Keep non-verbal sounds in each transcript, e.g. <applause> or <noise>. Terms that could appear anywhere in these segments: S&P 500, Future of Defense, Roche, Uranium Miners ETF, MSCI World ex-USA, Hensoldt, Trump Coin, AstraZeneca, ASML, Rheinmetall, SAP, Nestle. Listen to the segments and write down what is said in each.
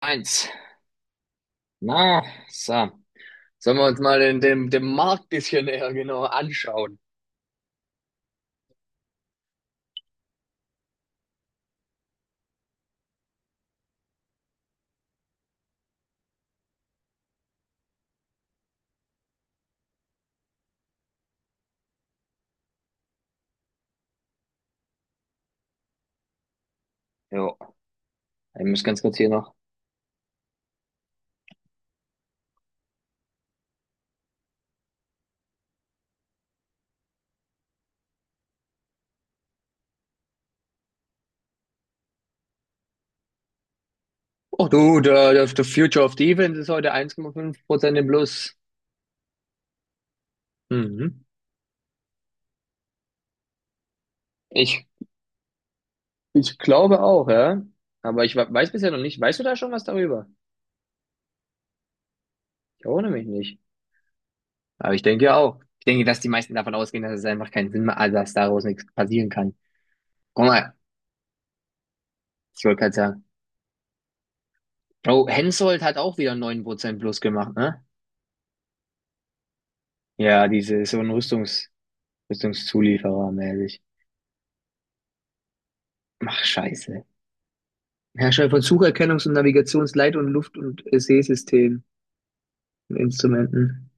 Eins. Na, so. Sollen wir uns mal den Markt bisschen näher genau anschauen? Jo, ich muss ganz kurz hier noch. Oh du, der Future of Defense ist heute 1,5% im Plus. Mhm. Ich, ich glaube auch, ja. Aber ich weiß bisher noch nicht. Weißt du da schon was darüber? Ich erinnere mich nicht. Aber ich denke ja auch. Ich denke, dass die meisten davon ausgehen, dass es einfach keinen Sinn mehr, also dass daraus nichts passieren kann. Guck mal, ich wollte gerade sagen. Oh, Hensoldt hat auch wieder 9% plus gemacht, ne? Ja, diese so ein Rüstungszulieferer mäßig. Ach, scheiße. Hersteller von Sucherkennungs- und Navigationsleit- und Luft- und Seesystemen und Instrumenten.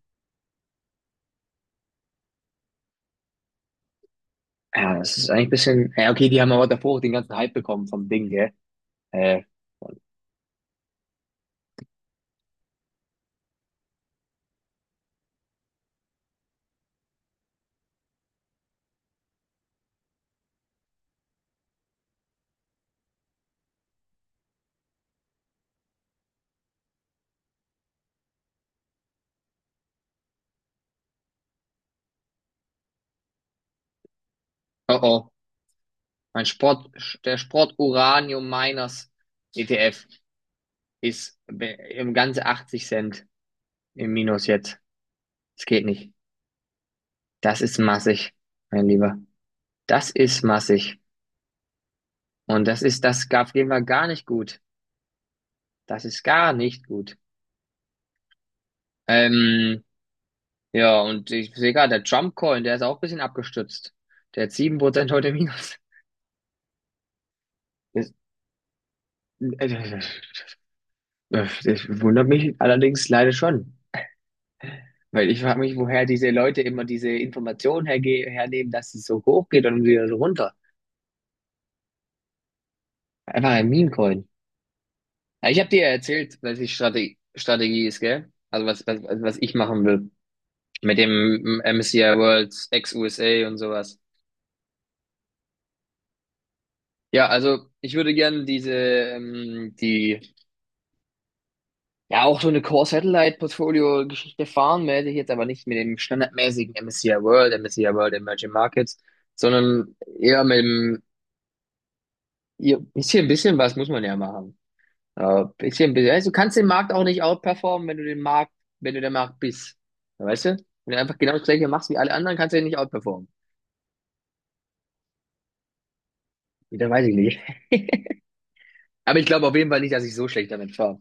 Ja, das ist eigentlich ein bisschen. Ja, okay, die haben aber davor auch den ganzen Hype bekommen vom Ding, gell? Äh, und- oh oh. Mein Sport, der Sport Uranium Miners ETF ist im Ganze 80 Cent im Minus jetzt. Das geht nicht. Das ist massig, mein Lieber. Das ist massig. Und das ist, das gab jeden Fall gar nicht gut. Das ist gar nicht gut. Ähm, ja, und ich sehe gerade, der Trump Coin, der ist auch ein bisschen abgestützt. Der hat 7% heute Minus. Das, äh, das wundert mich allerdings leider schon, weil ich frage mich, woher diese Leute immer diese Informationen herge hernehmen, dass es so hoch geht und dann wieder so runter. Einfach ein Meme-Coin. Ja, ich habe dir ja erzählt, was die Strategie ist, gell? Also was ich machen will mit dem MSCI Worlds ex-USA und sowas. Ja, also ich würde gerne diese, die Ja, auch so eine Core-Satellite-Portfolio-Geschichte fahren, werde ich jetzt aber nicht mit dem standardmäßigen MSCI World, MSCI World Emerging Markets, sondern eher mit dem, ja, bisschen, bisschen was muss man ja machen. Bisschen, bisschen. Also du kannst den Markt auch nicht outperformen, wenn du der Markt bist. Ja, weißt du? Wenn du einfach genau das Gleiche machst wie alle anderen, kannst du den nicht outperformen. Ja, dann weiß ich nicht. <laughs> Aber ich glaube auf jeden Fall nicht, dass ich so schlecht damit fahre.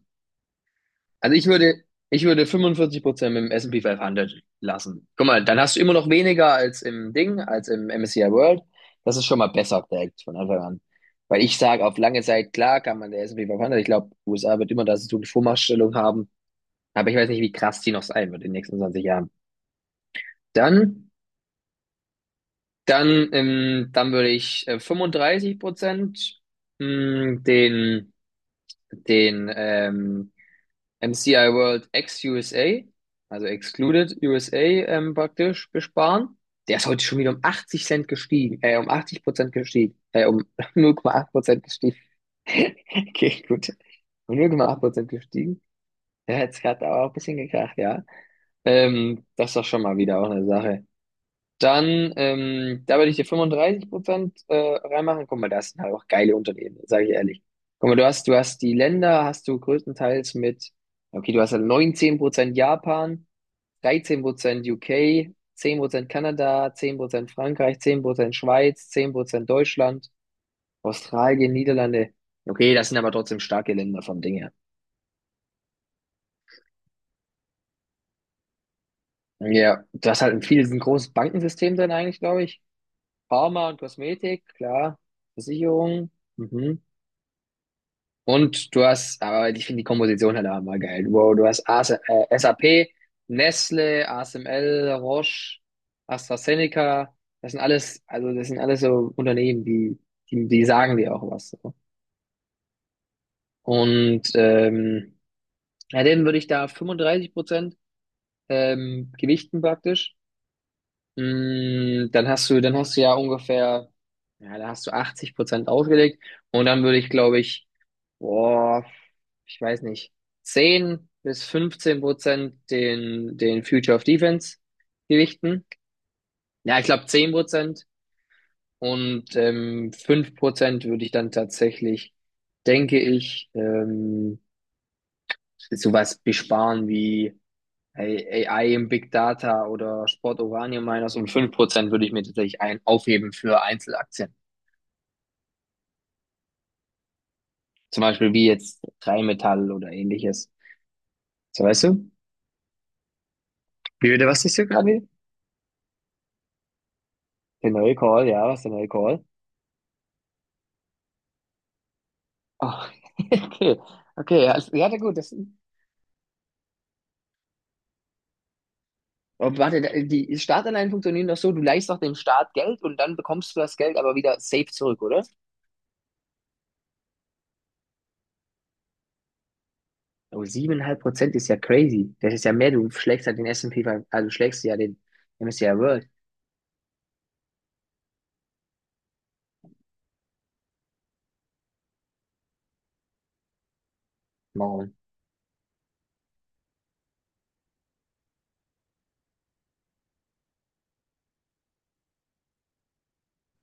Also ich würde 45% mit dem S&P 500 lassen. Guck mal, dann hast du immer noch weniger als im Ding, als im MSCI World. Das ist schon mal besser direkt von Anfang an. Weil ich sage, auf lange Zeit, klar kann man der S&P 500, ich glaube, USA wird immer da so eine Vormachtstellung haben. Aber ich weiß nicht, wie krass die noch sein wird in den nächsten 20 Jahren. Dann, dann würde ich 35% mh, den, den MCI World ex-USA, also Excluded USA praktisch besparen. Der ist heute schon wieder um 80 Cent gestiegen, um 80% gestiegen, um <laughs> 0,8% gestiegen. <laughs> Okay, gut. Um 0,8% gestiegen. Der hat er auch ein bisschen gekracht, ja. Das ist doch schon mal wieder auch eine Sache. Da würde ich dir 35% reinmachen. Guck mal, das sind halt auch geile Unternehmen, sage ich ehrlich. Guck mal, du hast die Länder, hast du größtenteils mit, okay, du hast halt 19% Japan, 13% UK, Prozent Kanada, 10% Frankreich, 10% Schweiz, 10% Deutschland, Australien, Niederlande. Okay, das sind aber trotzdem starke Länder vom Ding her. Ja, du hast halt in vielen, ein großes Bankensystem drin eigentlich, glaube ich. Pharma und Kosmetik, klar. Versicherung. Mhm. Und du hast, aber ich finde die Komposition halt auch mal geil. Wow, du hast AS, SAP, Nestle, ASML, Roche, AstraZeneca. Das sind alles, also das sind alles so Unternehmen, die, die sagen dir auch was. So. Und ja, denen würde ich da 35% gewichten praktisch. Dann hast du ja ungefähr, ja, da hast du 80% ausgelegt und dann würde ich, glaube ich, boah, ich weiß nicht, 10 bis 15% den Future of Defense gewichten. Ja, ich glaube 10% und 5% würde ich dann tatsächlich, denke ich, sowas besparen wie Ey, AI im Big Data oder Sport Uranium Miners um 5% würde ich mir tatsächlich ein aufheben für Einzelaktien. Zum Beispiel wie jetzt Rheinmetall oder ähnliches. So, weißt du? Wie bitte, was ist hier gerade wieder? Der neue Call, ja, was ist der neue Call? Ah, <laughs> okay, okay, also, ja, na gut, das, oh, warte, die Startanleihen funktionieren doch so, du leihst doch dem Staat Geld und dann bekommst du das Geld aber wieder safe zurück, oder? Oh, 7,5% ist ja crazy. Das ist ja mehr, du schlägst halt den S&P, 500, also du schlägst ja den MSCI World.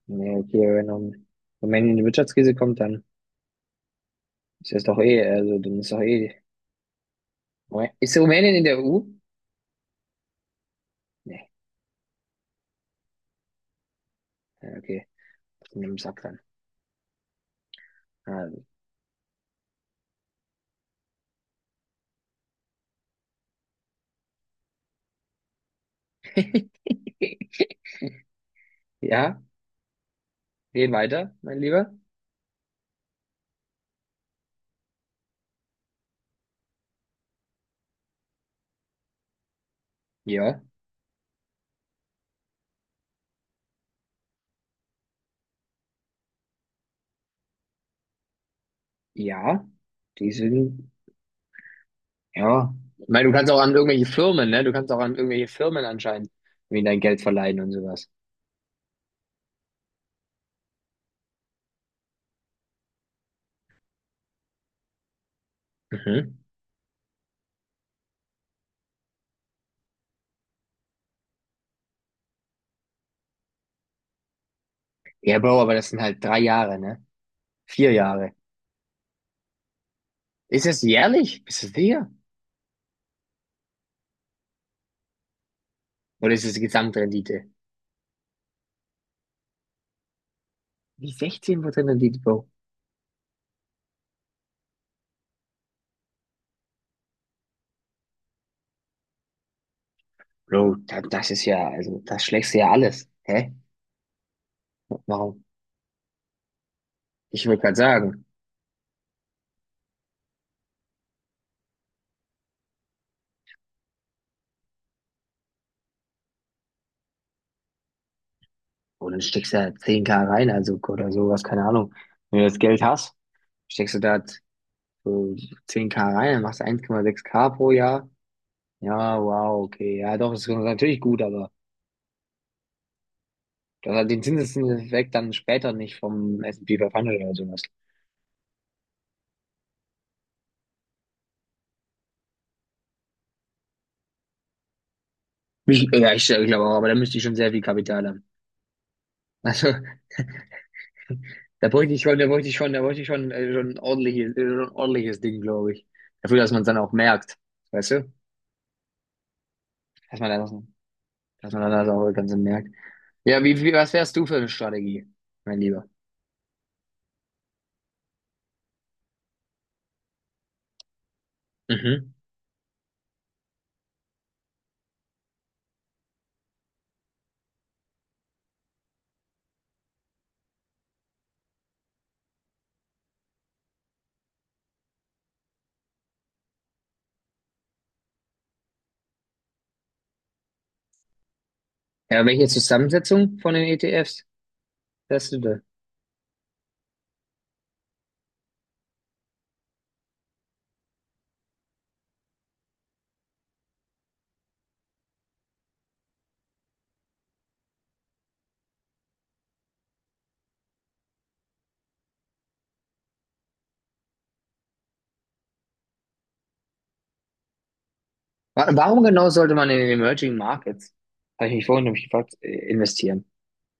Nee, okay, wenn Rumänien in die Wirtschaftskrise kommt, dann ist das doch eh, also dann ist doch eh. Moment, ist Rumänien in der EU? Nee, ja, okay, in dem Sack dann. Also. <laughs> Ja, reden weiter, mein Lieber. Ja, ja, die sind, ja. Ich meine, du kannst auch an irgendwelche Firmen, ne? Du kannst auch an irgendwelche Firmen anscheinend irgendwie dein Geld verleihen und sowas. Mhm. Ja, Bro, aber das sind halt 3 Jahre, ne? 4 Jahre. Ist das jährlich? Bist du sicher? Oder ist das die Gesamtrendite? Wie 16% Rendite, Bro? Bro, das ist ja, also, das schlägst du ja alles. Hä? Warum? Ich würde gerade sagen, und dann steckst du da 10K rein, also, oder sowas, keine Ahnung. Wenn du das Geld hast, steckst du da so 10K rein, dann machst du 1,6K pro Jahr. Ja, wow, okay. Ja, doch, ist natürlich gut, aber das hat den Zinseszinseffekt dann später nicht vom S&P 500 oder sowas. Ja, ich glaube auch, aber da müsste ich schon sehr viel Kapital haben. Also, da bräuchte ich schon, schon ein ordentliches Ding, glaube ich. Dafür, dass man es dann auch merkt. Weißt du? Dass man dann, dass man dann das auch ganz merkt. Ja, was wärst du für eine Strategie, mein Lieber? Mhm. Ja, welche Zusammensetzung von den ETFs wärst du da? Warum genau sollte man in den Emerging Markets, habe ich mich vorhin nämlich gefragt, investieren?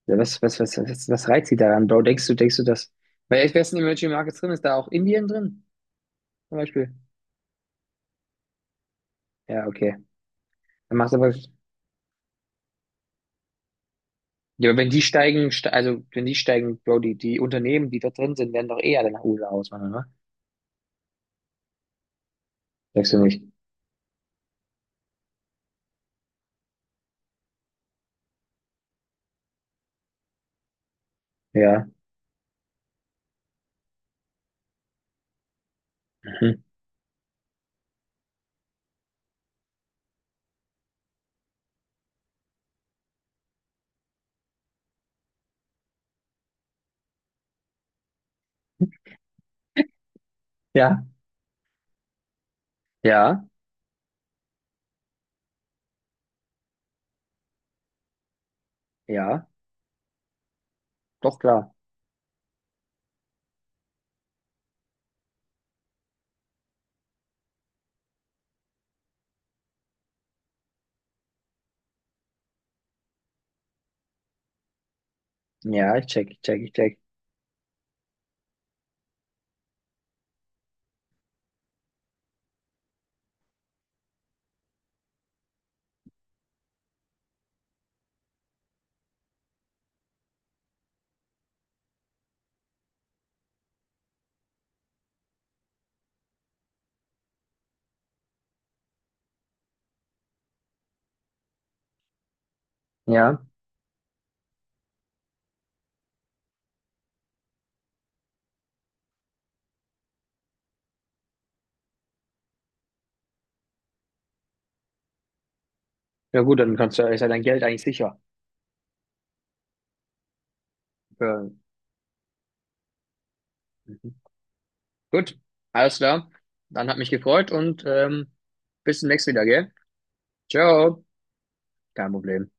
Ja, was reizt sie daran, Bro? Denkst du, das? Weil ich weiß, in den Emerging Markets drin ist, da auch Indien drin, zum Beispiel? Ja, okay. Dann machst du aber. Ja, aber wenn die steigen, also wenn die steigen, Bro, die Unternehmen, die da drin sind, werden doch eher alle nach USA auswandern, ne? Sagst du nicht? Ja. Mhm. Ja, ja, ja, doch klar. Ja, ich check, ich check, ich check. Ja. Ja gut, dann kannst du, ist ja dein Geld eigentlich sicher. Für, mhm. Gut, alles klar. Dann hat mich gefreut und bis zum nächsten Mal, gell? Ciao. Kein Problem.